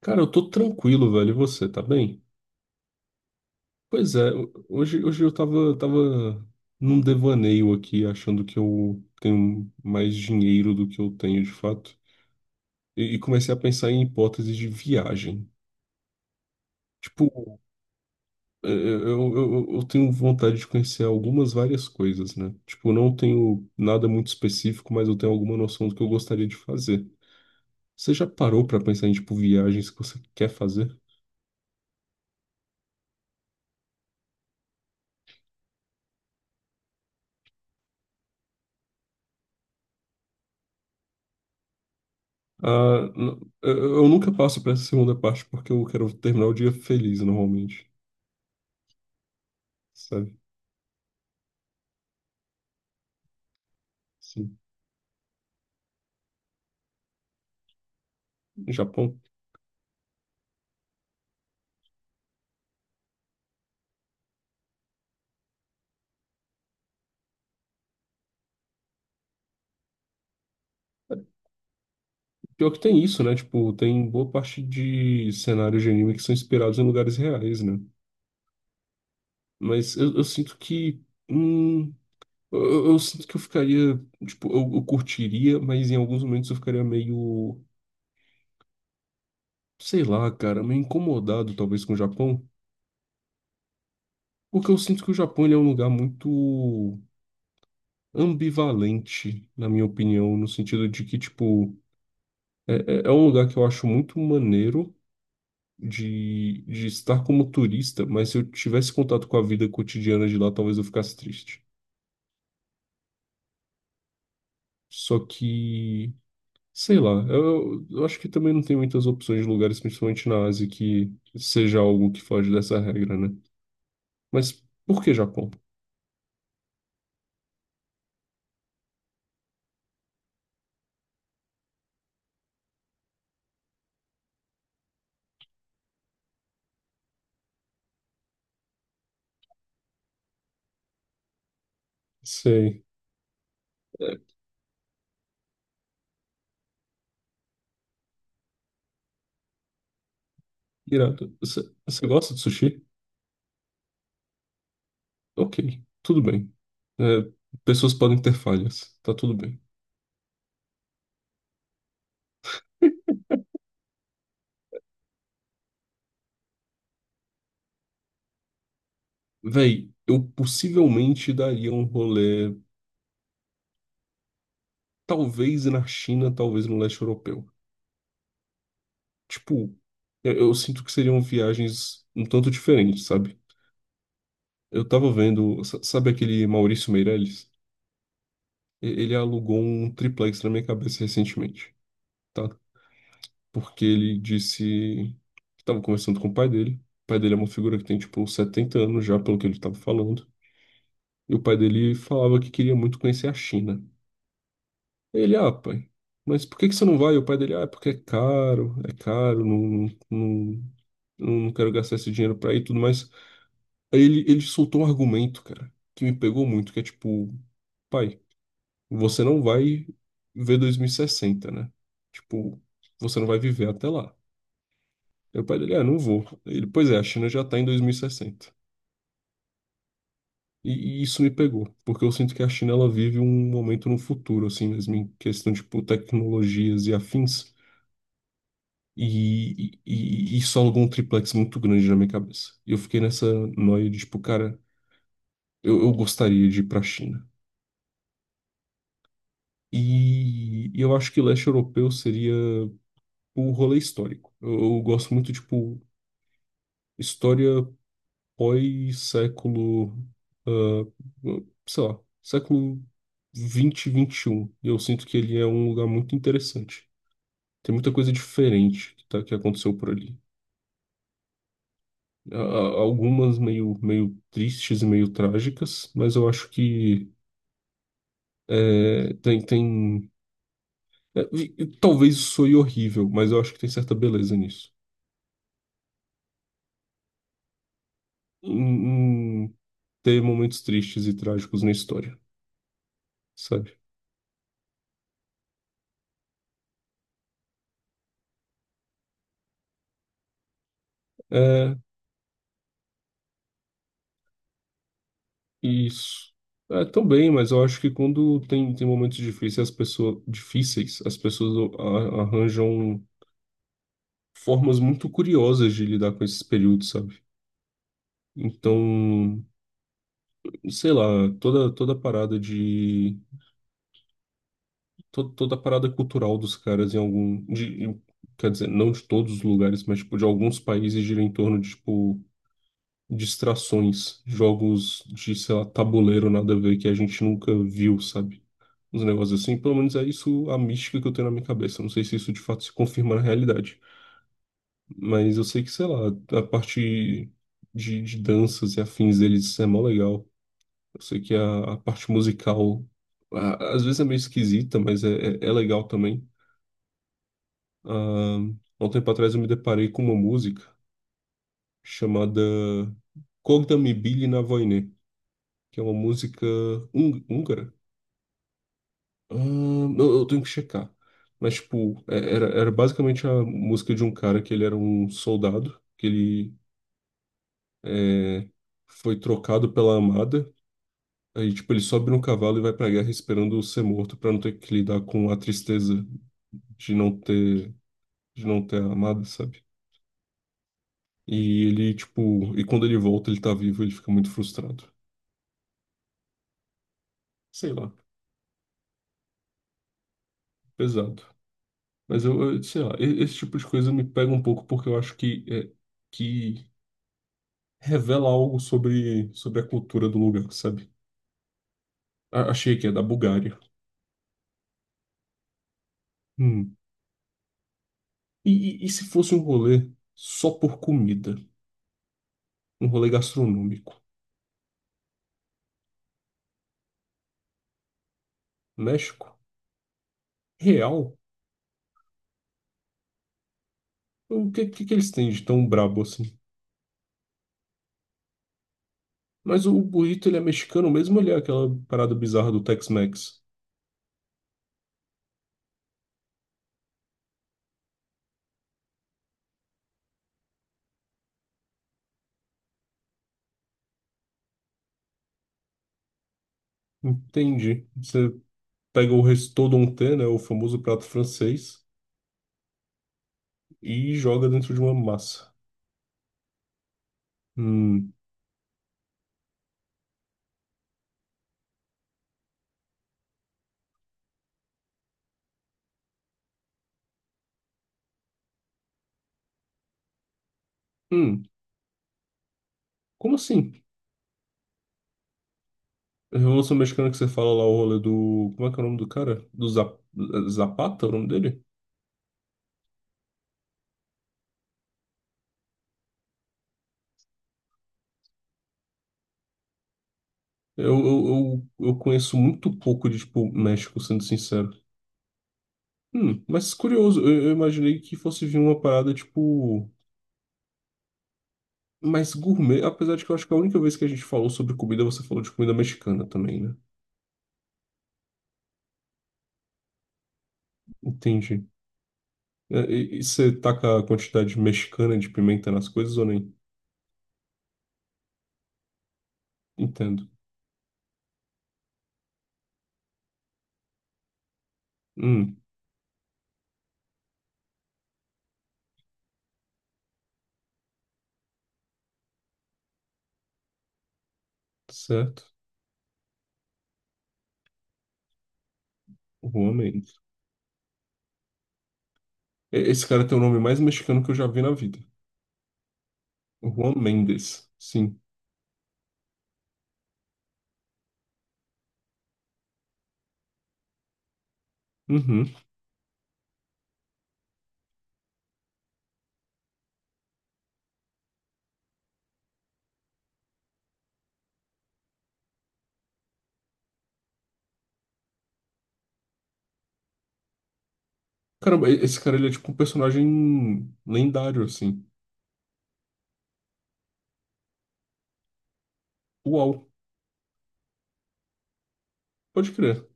Cara, eu tô tranquilo, velho. E você, tá bem? Pois é, hoje eu tava num devaneio aqui, achando que eu tenho mais dinheiro do que eu tenho de fato. E comecei a pensar em hipóteses de viagem. Tipo, eu tenho vontade de conhecer algumas várias coisas, né? Tipo, eu não tenho nada muito específico, mas eu tenho alguma noção do que eu gostaria de fazer. Você já parou pra pensar em, tipo, viagens que você quer fazer? Ah, eu nunca passo para essa segunda parte porque eu quero terminar o dia feliz normalmente, sabe? Sim. Japão. Pior que tem isso, né? Tipo, tem boa parte de cenários de anime que são inspirados em lugares reais, né? Mas eu sinto que. Hum, eu sinto que eu ficaria. Tipo, eu curtiria, mas em alguns momentos eu ficaria meio. Sei lá, cara, meio incomodado talvez com o Japão. Porque eu sinto que o Japão ele é um lugar muito ambivalente, na minha opinião, no sentido de que, tipo, é, é um lugar que eu acho muito maneiro de estar como turista, mas se eu tivesse contato com a vida cotidiana de lá, talvez eu ficasse triste. Só que, sei lá, eu acho que também não tem muitas opções de lugares, principalmente na Ásia, que seja algo que foge dessa regra, né? Mas por que Japão? Sei. É, irado. Você gosta de sushi? Ok, tudo bem. É, pessoas podem ter falhas, tá tudo bem. Véi, eu possivelmente daria um rolê, talvez na China, talvez no leste europeu. Tipo, eu sinto que seriam viagens um tanto diferentes, sabe? Eu tava vendo, sabe aquele Maurício Meirelles? Ele alugou um triplex na minha cabeça recentemente, tá? Porque ele disse que tava conversando com o pai dele. O pai dele é uma figura que tem, tipo, uns 70 anos já, pelo que ele tava falando. E o pai dele falava que queria muito conhecer a China. Ele, pai, mas por que que você não vai? E o pai dele, é porque é caro, não, não, não, não quero gastar esse dinheiro pra ir e tudo mais. Aí ele soltou um argumento, cara, que me pegou muito, que é tipo, pai, você não vai ver 2060, né? Tipo, você não vai viver até lá. Aí o pai dele, não vou. Ele, pois é, a China já tá em 2060. E isso me pegou, porque eu sinto que a China ela vive um momento no futuro, assim mesmo, em questão de tipo, tecnologias e afins, e isso alugou um triplex muito grande na minha cabeça. E eu fiquei nessa noia de, tipo, cara, eu gostaria de ir pra China. E eu acho que leste europeu seria o rolê histórico. Eu gosto muito, tipo, história foi século, ah, sei lá, século vinte vinte e 21. E eu sinto que ele é um lugar muito interessante. Tem muita coisa diferente que, tá, que aconteceu por ali. Algumas meio tristes e meio trágicas, mas eu acho que é, tem, tem... e talvez isso soe horrível, mas eu acho que tem certa beleza nisso. Em ter momentos tristes e trágicos na história, sabe? É, isso. É, também, mas eu acho que quando tem momentos difíceis, as pessoas arranjam formas muito curiosas de lidar com esses períodos, sabe? Então, sei lá, toda a parada de, toda a parada cultural dos caras em algum, de, quer dizer, não de todos os lugares, mas, tipo, de alguns países gira em torno de, tipo, distrações, jogos de, sei lá, tabuleiro, nada a ver, que a gente nunca viu, sabe? Uns negócios assim. Pelo menos é isso a mística que eu tenho na minha cabeça. Não sei se isso de fato se confirma na realidade. Mas eu sei que, sei lá, a parte de danças e afins deles é mó legal. Eu sei que a parte musical, às vezes é meio esquisita, mas é legal também. Ah, há um tempo atrás eu me deparei com uma música chamada Cogda mi bili na vojne, que é uma música húngara. Eu tenho que checar. Mas, tipo, era basicamente a música de um cara que ele era um soldado, que ele é, foi trocado pela amada. Aí, tipo, ele sobe no cavalo e vai pra guerra esperando ser morto pra não ter que lidar com a tristeza de não ter, de não ter a amada, sabe? E ele, tipo, e quando ele volta, ele tá vivo, ele fica muito frustrado. Sei lá, pesado. Mas sei lá, esse tipo de coisa me pega um pouco porque eu acho que, que revela algo sobre a cultura do lugar, sabe? Achei que é da Bulgária. Hum. E se fosse um rolê só por comida? Um rolê gastronômico? México? Real? O que, que eles têm de tão brabo assim? Mas o burrito, ele é mexicano mesmo, ele é aquela parada bizarra do Tex-Mex. Entendi. Você pega o restauranté, né, o famoso prato francês, e joga dentro de uma massa. Hum. Hum. Como assim? Revolução Mexicana que você fala lá, o rolê do. Como é que é o nome do cara? Do Zapata, é o nome dele? Eu, eu, eu conheço muito pouco de, tipo, México, sendo sincero. Mas curioso, eu imaginei que fosse vir uma parada, tipo, mais gourmet, apesar de que eu acho que a única vez que a gente falou sobre comida, você falou de comida mexicana também, né? Entendi. E você taca a quantidade mexicana de pimenta nas coisas ou nem? Entendo. Hum, certo. Realmente. Esse cara tem o nome mais mexicano que eu já vi na vida. O Juan Mendes, sim. Uhum. Caramba, esse cara ele é tipo um personagem lendário, assim. Uau, pode crer.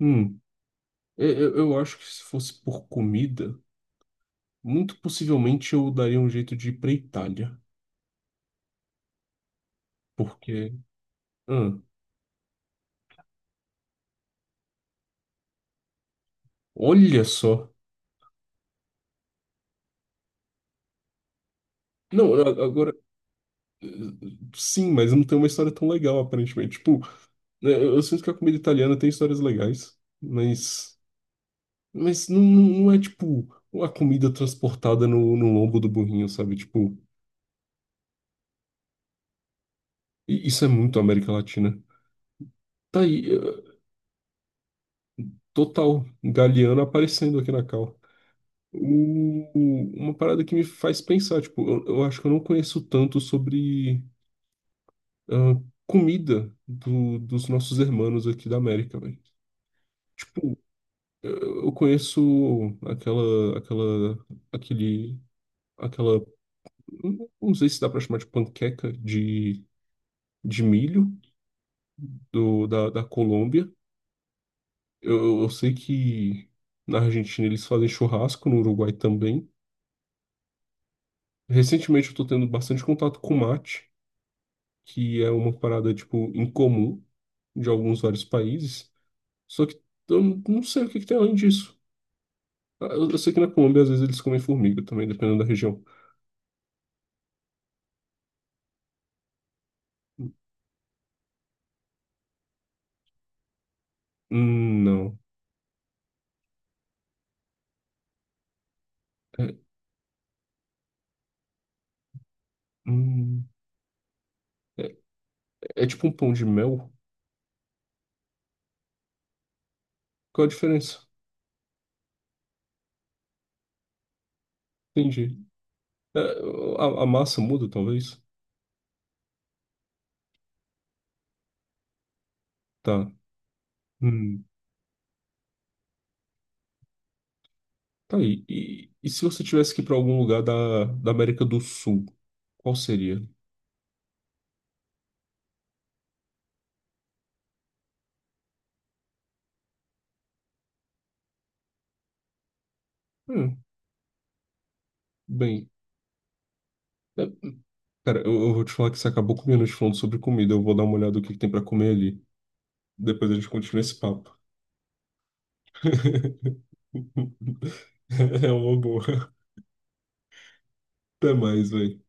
Hum. Eu acho que se fosse por comida, muito possivelmente eu daria um jeito de ir pra Itália. Porque. hum, Olha só. Não, agora. eh, Sim, mas não tem uma história tão legal, aparentemente. Tipo, né, eu sinto que a comida italiana tem histórias legais, mas. Mas não é tipo a comida transportada no lombo do burrinho, sabe? Tipo. E isso é muito América Latina. Tá aí, total, Galeano aparecendo aqui na cal. Uma parada que me faz pensar, tipo, eu acho que eu não conheço tanto sobre ah, comida dos nossos irmãos aqui da América, velho. Tipo, eu eu conheço aquela, aquela, aquele, aquela, não sei se dá pra chamar de panqueca de milho da Colômbia. Eu sei que na Argentina eles fazem churrasco, no Uruguai também. Recentemente eu tô tendo bastante contato com mate, que é uma parada, tipo, incomum de alguns vários países. Só que eu não sei o que que tem além disso. Ah, eu sei que na Colômbia às vezes eles comem formiga também, dependendo da região. Não. É, hum, é, é tipo um pão de mel? Qual a diferença? Entendi. É, a massa muda, talvez? Tá. Hum. Tá aí. E se você tivesse que ir para algum lugar da América do Sul, qual seria? Hum, bem. é- cara, eu vou te falar que você acabou com minuto falando sobre comida. Eu vou dar uma olhada no que tem para comer ali. Depois a gente continua esse papo. É uma boa. Até mais, velho.